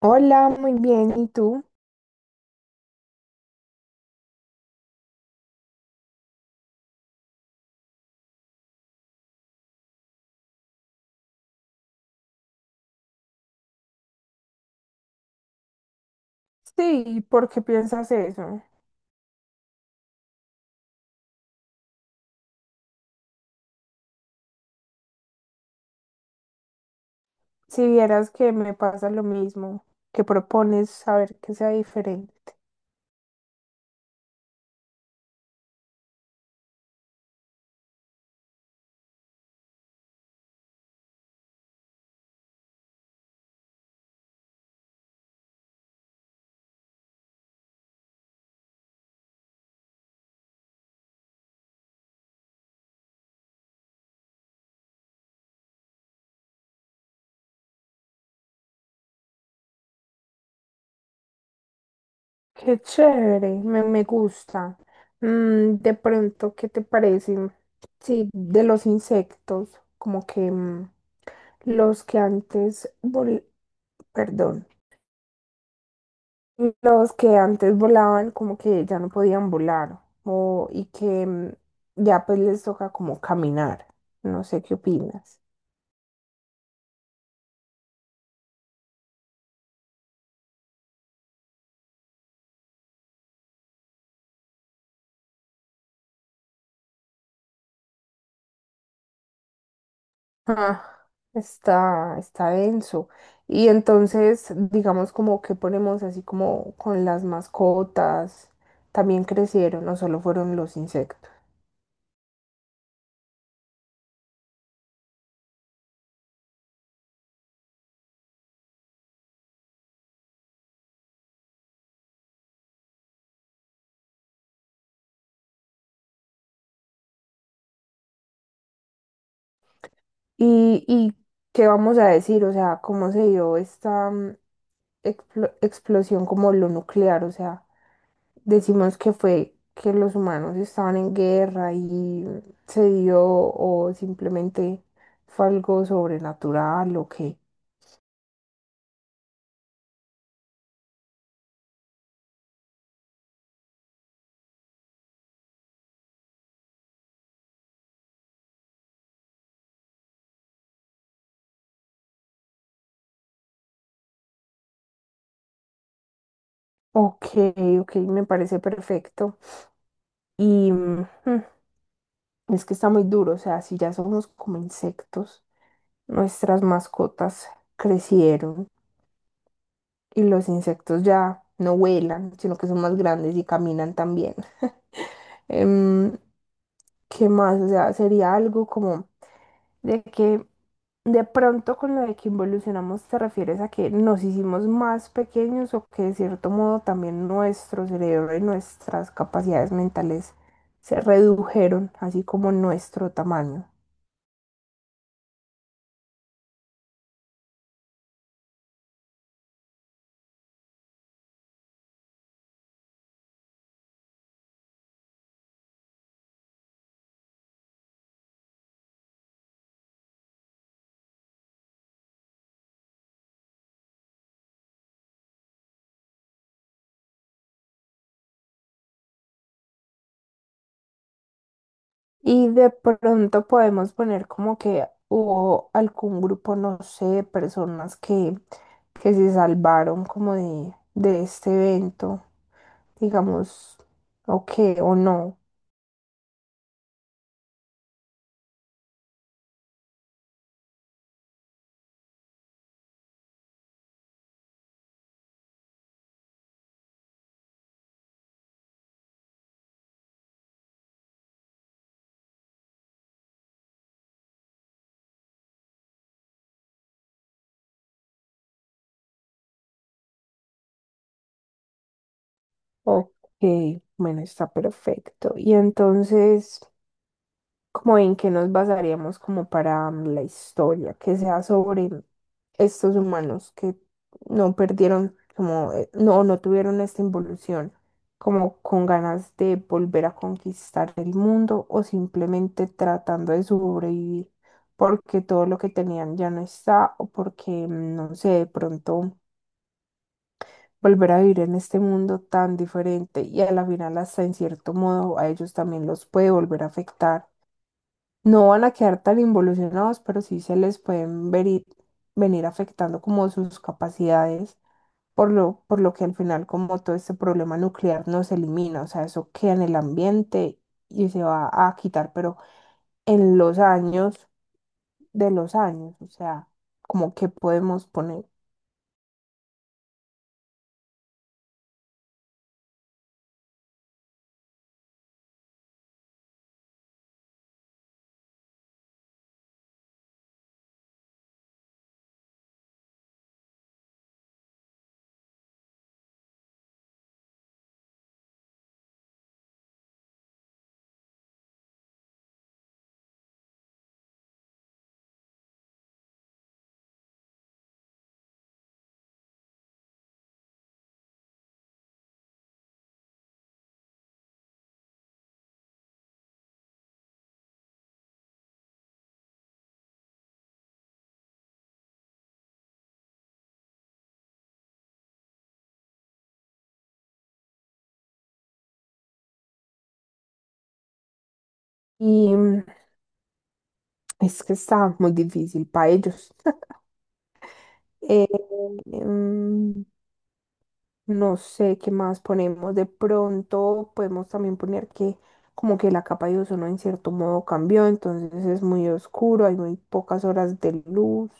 Hola, muy bien. ¿Y tú? Sí, ¿por qué piensas eso? Si vieras que me pasa lo mismo, que propones saber que sea diferente. Qué chévere, me gusta. De pronto, ¿qué te parece? Sí, de los insectos, como que los que antes, perdón. Los que antes volaban como que ya no podían volar o, y que ya pues les toca como caminar. No sé qué opinas. Ah, está denso. Y entonces, digamos como que ponemos así como con las mascotas, también crecieron, no solo fueron los insectos. ¿Y qué vamos a decir? O sea, ¿cómo se dio esta explosión como lo nuclear? O sea. Decimos que fue que los humanos estaban en guerra y se dio, o simplemente fue algo sobrenatural o qué. Ok, ok, me parece perfecto. Y es que está muy duro, o sea, si ya somos como insectos, nuestras mascotas crecieron y los insectos ya no vuelan, sino que son más grandes y caminan también. Em, ¿Qué más? O sea, sería algo como de que de pronto con lo de que involucionamos te refieres a que nos hicimos más pequeños, o que de cierto modo también nuestro cerebro y nuestras capacidades mentales se redujeron, así como nuestro tamaño. Y de pronto podemos poner como que hubo algún grupo, no sé, de personas que se salvaron como de este evento, digamos, o qué, o no. Ok, bueno, está perfecto. Y entonces, como en qué nos basaríamos como para la historia, que sea sobre estos humanos que no perdieron, como no, no tuvieron esta involución, como con ganas de volver a conquistar el mundo o simplemente tratando de sobrevivir, porque todo lo que tenían ya no está, o porque, no sé, de pronto volver a vivir en este mundo tan diferente, y a la final hasta en cierto modo a ellos también los puede volver a afectar. No van a quedar tan involucionados, pero sí se les pueden ver venir afectando como sus capacidades, por lo que al final como todo este problema nuclear no se elimina, o sea, eso queda en el ambiente y se va a quitar, pero en los años de los años, o sea, como que podemos poner. Y es que está muy difícil para ellos. Eh, em, No sé qué más ponemos. De pronto podemos también poner que como que la capa de ozono en cierto modo cambió, entonces es muy oscuro, hay muy pocas horas de luz.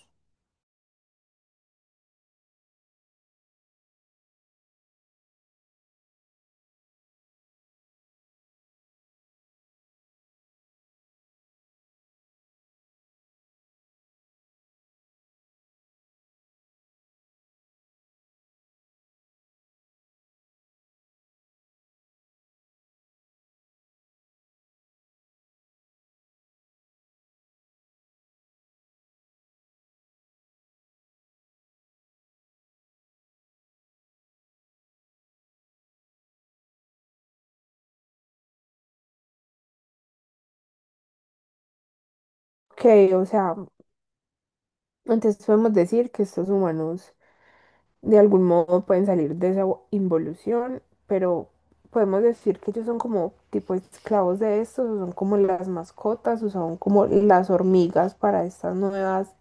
Ok, o sea, entonces podemos decir que estos humanos de algún modo pueden salir de esa involución, pero podemos decir que ellos son como tipo esclavos de estos, o son como las mascotas, o son como las hormigas para estas nuevas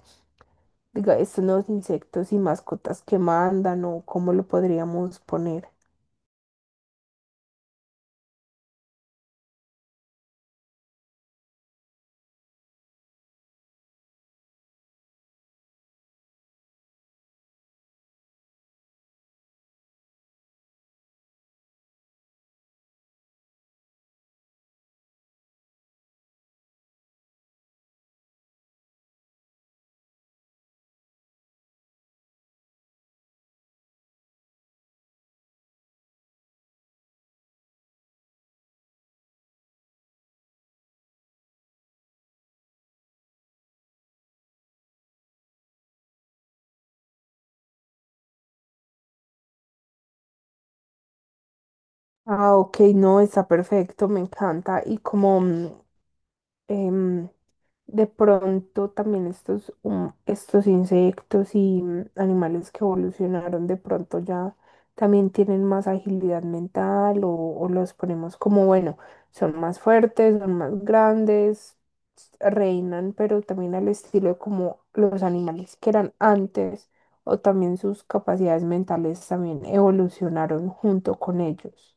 diga, estos nuevos insectos y mascotas que mandan, o cómo lo podríamos poner. Ah, ok, no, está perfecto, me encanta. Y como em, de pronto también estos insectos y animales que evolucionaron de pronto ya también tienen más agilidad mental, o los ponemos como, bueno, son más fuertes, son más grandes, reinan, pero también al estilo de como los animales que eran antes, o también sus capacidades mentales también evolucionaron junto con ellos.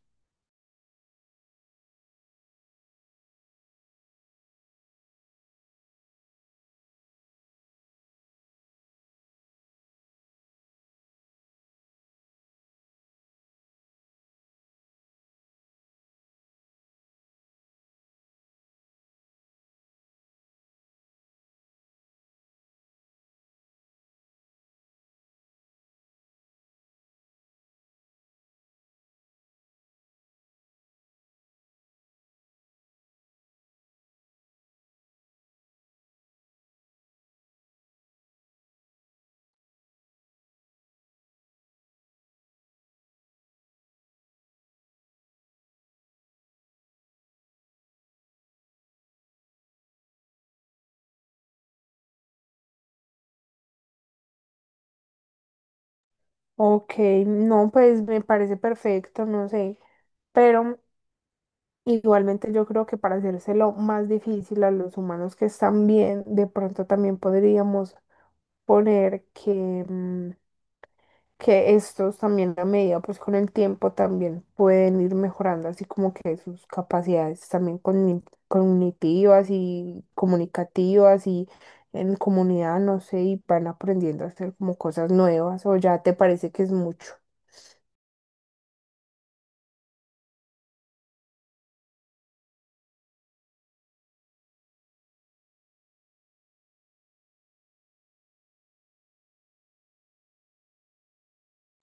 Ok, no, pues me parece perfecto, no sé, pero. Igualmente yo creo que para hacérselo más difícil a los humanos que están bien, de pronto también podríamos poner que, que estos también a medida, pues con el tiempo también pueden ir mejorando, así como que sus capacidades también cognitivas y comunicativas y en comunidad, no sé, y van aprendiendo a hacer como cosas nuevas, o ya te parece que es mucho.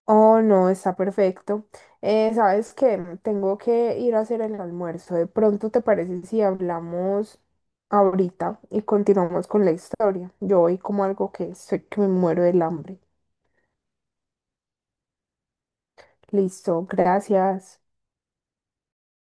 Oh, no, está perfecto. ¿Sabes qué? Tengo que ir a hacer el almuerzo. De pronto, ¿te parece si hablamos ahorita y continuamos con la historia? Yo voy como algo que estoy que me muero del hambre. Listo, gracias.